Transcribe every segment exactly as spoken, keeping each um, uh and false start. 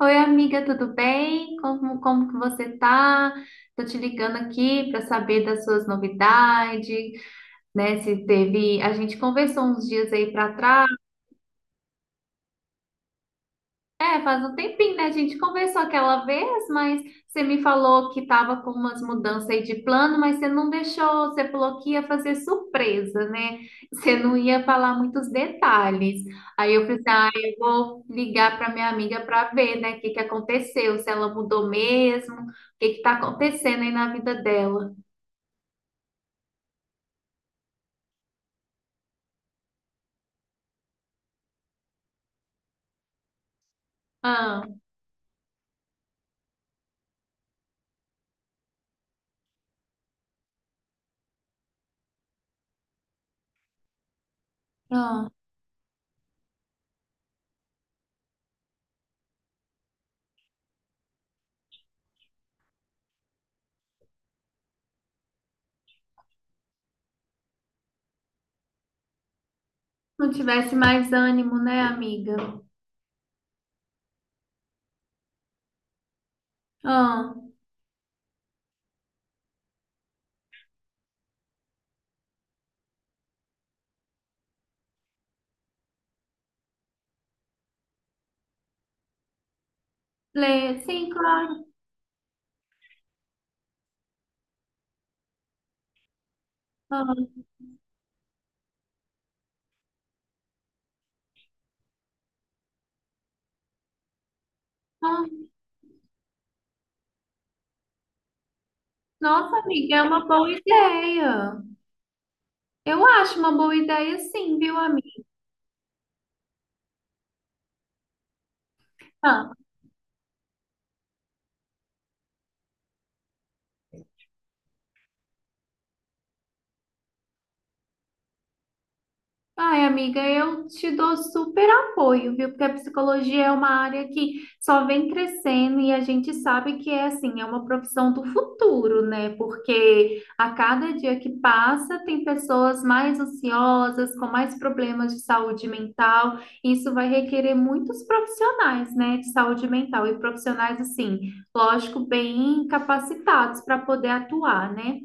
Oi, amiga, tudo bem? Como, como que você tá? Tô te ligando aqui para saber das suas novidades, né? Se teve, a gente conversou uns dias aí para trás. É, faz um tempinho, né? A gente conversou aquela vez, mas você me falou que tava com umas mudanças aí de plano, mas você não deixou, você falou que ia fazer surpresa, né? Você não ia falar muitos detalhes. Aí eu pensei, ah, eu vou ligar para minha amiga para ver, né, o que que aconteceu, se ela mudou mesmo, o que que tá acontecendo aí na vida dela. Ah, ah, não tivesse mais ânimo, né, amiga? Ah, Lê, sim, claro. Ah, ah. Nossa, amiga, é uma boa ideia. Eu acho uma boa ideia, sim, viu, amiga? Ai, amiga, eu te dou super apoio, viu? Porque a psicologia é uma área que só vem crescendo e a gente sabe que é assim, é uma profissão do futuro, né? Porque a cada dia que passa, tem pessoas mais ansiosas, com mais problemas de saúde mental. Isso vai requerer muitos profissionais, né, de saúde mental e profissionais assim, lógico, bem capacitados para poder atuar, né?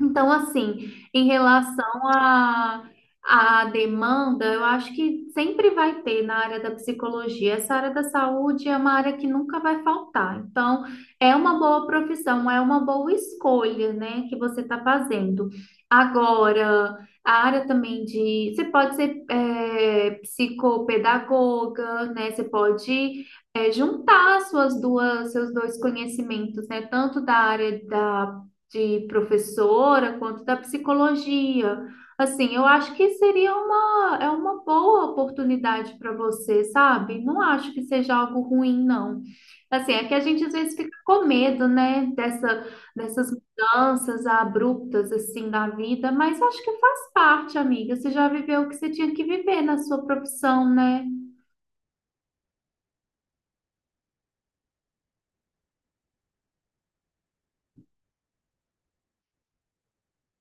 Então, assim, em relação à à demanda, eu acho que sempre vai ter na área da psicologia. Essa área da saúde é uma área que nunca vai faltar. Então, é uma boa profissão, é uma boa escolha, né, que você está fazendo. Agora, a área também de. Você pode ser é, psicopedagoga, né? Você pode é, juntar suas duas, seus dois conhecimentos, né? Tanto da área da de professora quanto da psicologia. Assim, eu acho que seria uma, é uma boa oportunidade para você, sabe? Não acho que seja algo ruim, não. Assim, é que a gente às vezes fica com medo, né, dessa, dessas mudanças abruptas, assim, da vida, mas acho que faz parte, amiga. Você já viveu o que você tinha que viver na sua profissão, né?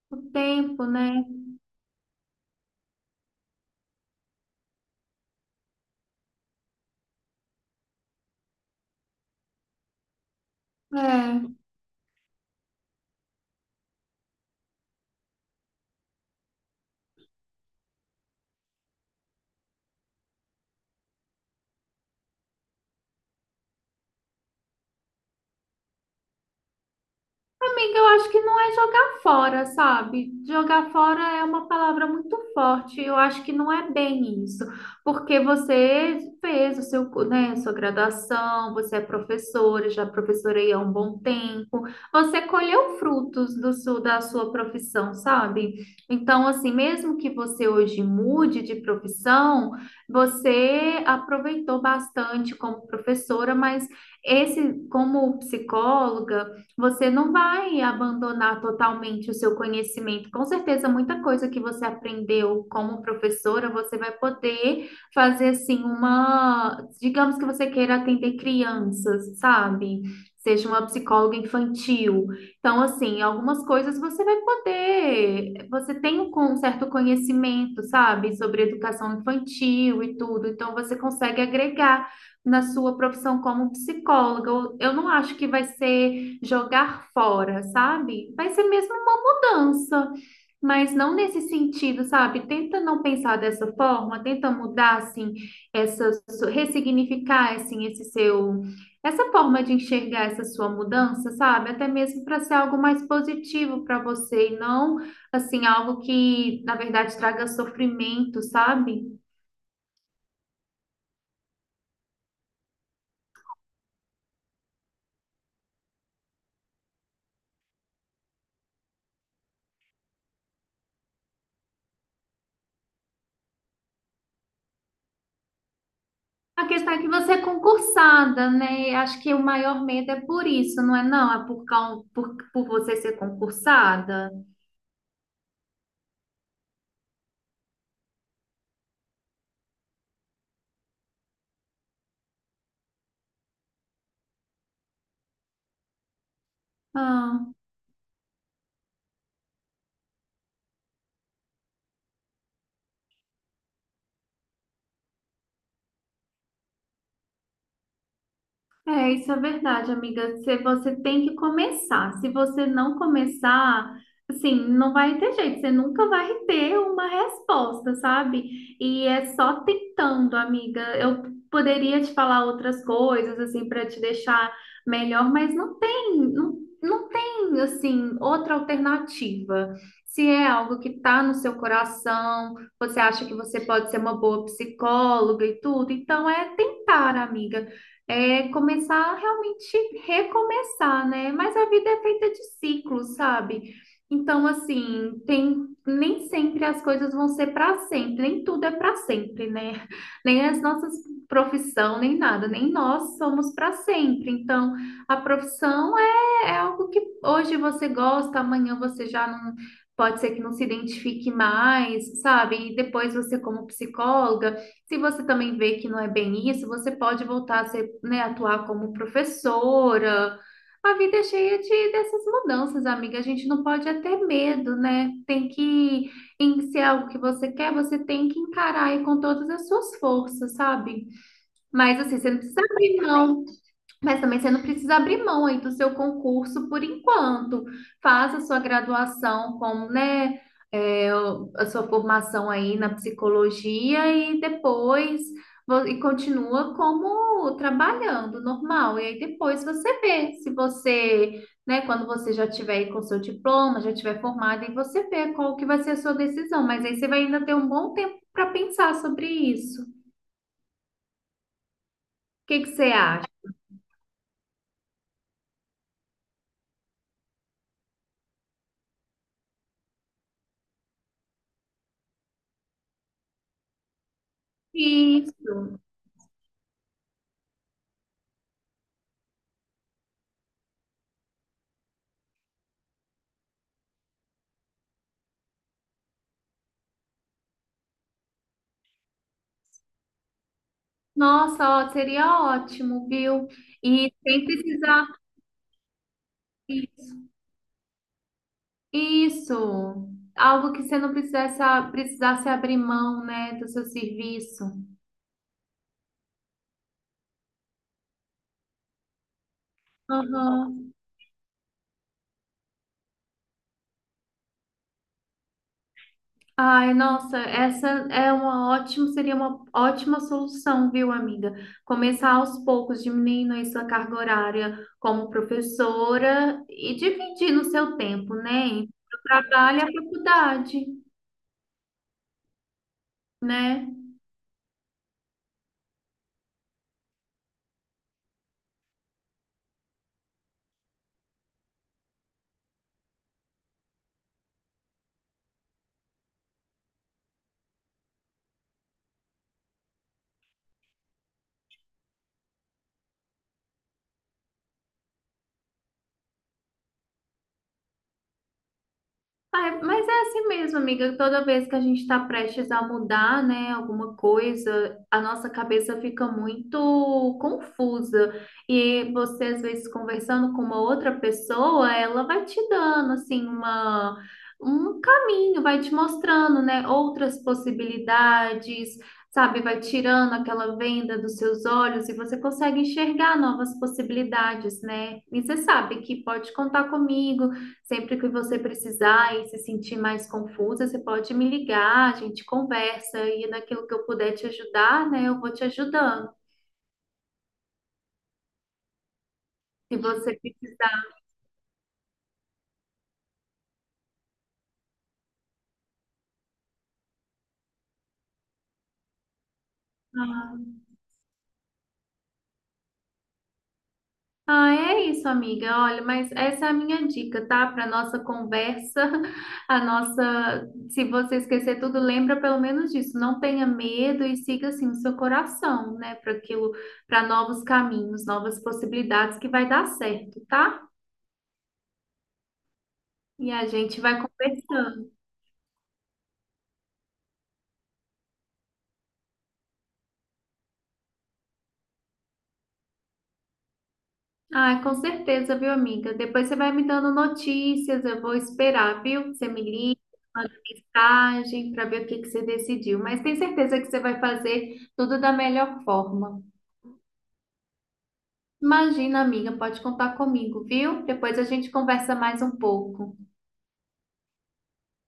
O tempo, né? É. Amiga, eu acho que não é jogar fora, sabe? Jogar fora é uma palavra muito forte. Eu acho que não é bem isso, porque você fez o seu, cu- né, a sua graduação, você é professora, já professorei há um bom tempo. Você colheu frutos do seu, da sua profissão, sabe? Então, assim, mesmo que você hoje mude de profissão, você aproveitou bastante como professora, mas esse, como psicóloga você não vai abandonar totalmente o seu conhecimento. Com certeza, muita coisa que você aprendeu como professora, você vai poder fazer assim uma, digamos que você queira atender crianças, sabe? Seja uma psicóloga infantil. Então, assim, algumas coisas você vai poder, você tem um con- certo conhecimento, sabe, sobre educação infantil e tudo, então você consegue agregar na sua profissão como psicóloga. Eu eu não acho que vai ser jogar fora, sabe? Vai ser mesmo uma mudança, mas não nesse sentido, sabe? Tenta não pensar dessa forma, tenta mudar, assim, essa, ressignificar, assim, esse seu, essa forma de enxergar essa sua mudança, sabe? Até mesmo para ser algo mais positivo para você e não, assim, algo que, na verdade, traga sofrimento, sabe? A questão é que você é concursada, né? Acho que o maior medo é por isso, não é não? É por, cau- por, por você ser concursada? Ah. É, isso é verdade, amiga. Se você tem que começar. Se você não começar, assim, não vai ter jeito. Você nunca vai ter uma resposta, sabe? E é só tentando, amiga. Eu poderia te falar outras coisas, assim, para te deixar melhor, mas não tem, não, não tem, assim, outra alternativa. Se é algo que tá no seu coração, você acha que você pode ser uma boa psicóloga e tudo, então é tentar, amiga é começar a realmente recomeçar, né? Mas a vida é feita de ciclos, sabe? Então, assim, tem nem sempre as coisas vão ser para sempre, nem tudo é para sempre, né? Nem as nossas profissão, nem nada, nem nós somos para sempre. Então, a profissão é, é algo que hoje você gosta, amanhã você já não pode ser que não se identifique mais, sabe? E depois você como psicóloga se você também vê que não é bem isso, você pode voltar a ser, né, atuar como professora. A vida é cheia de, dessas mudanças, amiga. A gente não pode é ter medo, né? Tem que, em se é algo que você quer, você tem que encarar aí com todas as suas forças, sabe? Mas assim, você não precisa abrir mão mas também você não precisa abrir mão aí do seu concurso por enquanto. Faça a sua graduação como, né, é, a sua formação aí na psicologia e depois vo- e continua como trabalhando normal. E aí depois você vê se você, né, quando você já tiver aí com seu diploma, já tiver formado, aí você vê qual que vai ser a sua decisão. Mas aí você vai ainda ter um bom tempo para pensar sobre isso. O que que você acha? Isso. Nossa, ó, seria ótimo, viu? E sem precisar. Isso. Isso. Algo que você não precisasse, precisasse abrir mão, né, do seu serviço. Aham. Ai, nossa, essa é uma ótima, seria uma ótima solução, viu, amiga? Começar aos poucos, diminuindo aí sua carga horária como professora e dividindo o seu tempo, né, entre o trabalho e a faculdade, né? Ah, é, mas é assim mesmo, amiga. Toda vez que a gente está prestes a mudar, né, alguma coisa, a nossa cabeça fica muito confusa. E você, às vezes, conversando com uma outra pessoa, ela vai te dando, assim, uma, um caminho, vai te mostrando, né, outras possibilidades, sabe? Vai tirando aquela venda dos seus olhos e você consegue enxergar novas possibilidades, né? E você sabe que pode contar comigo. Sempre que você precisar e se sentir mais confusa, você pode me ligar, a gente conversa e naquilo que eu puder te ajudar, né, eu vou te ajudando. Se você precisar. Ah, é isso, amiga. Olha, mas essa é a minha dica, tá? Para nossa conversa, a nossa. Se você esquecer tudo, lembra pelo menos disso. Não tenha medo e siga assim o seu coração, né? Para aquilo, para novos caminhos, novas possibilidades que vai dar certo, tá? E a gente vai conversando. Ah, com certeza, viu, amiga? Depois você vai me dando notícias, eu vou esperar, viu? Você me liga, manda mensagem para ver o que que você decidiu. Mas tenho certeza que você vai fazer tudo da melhor forma. Imagina, amiga, pode contar comigo, viu? Depois a gente conversa mais um pouco.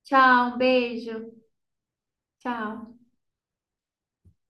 Tchau, um beijo. Tchau.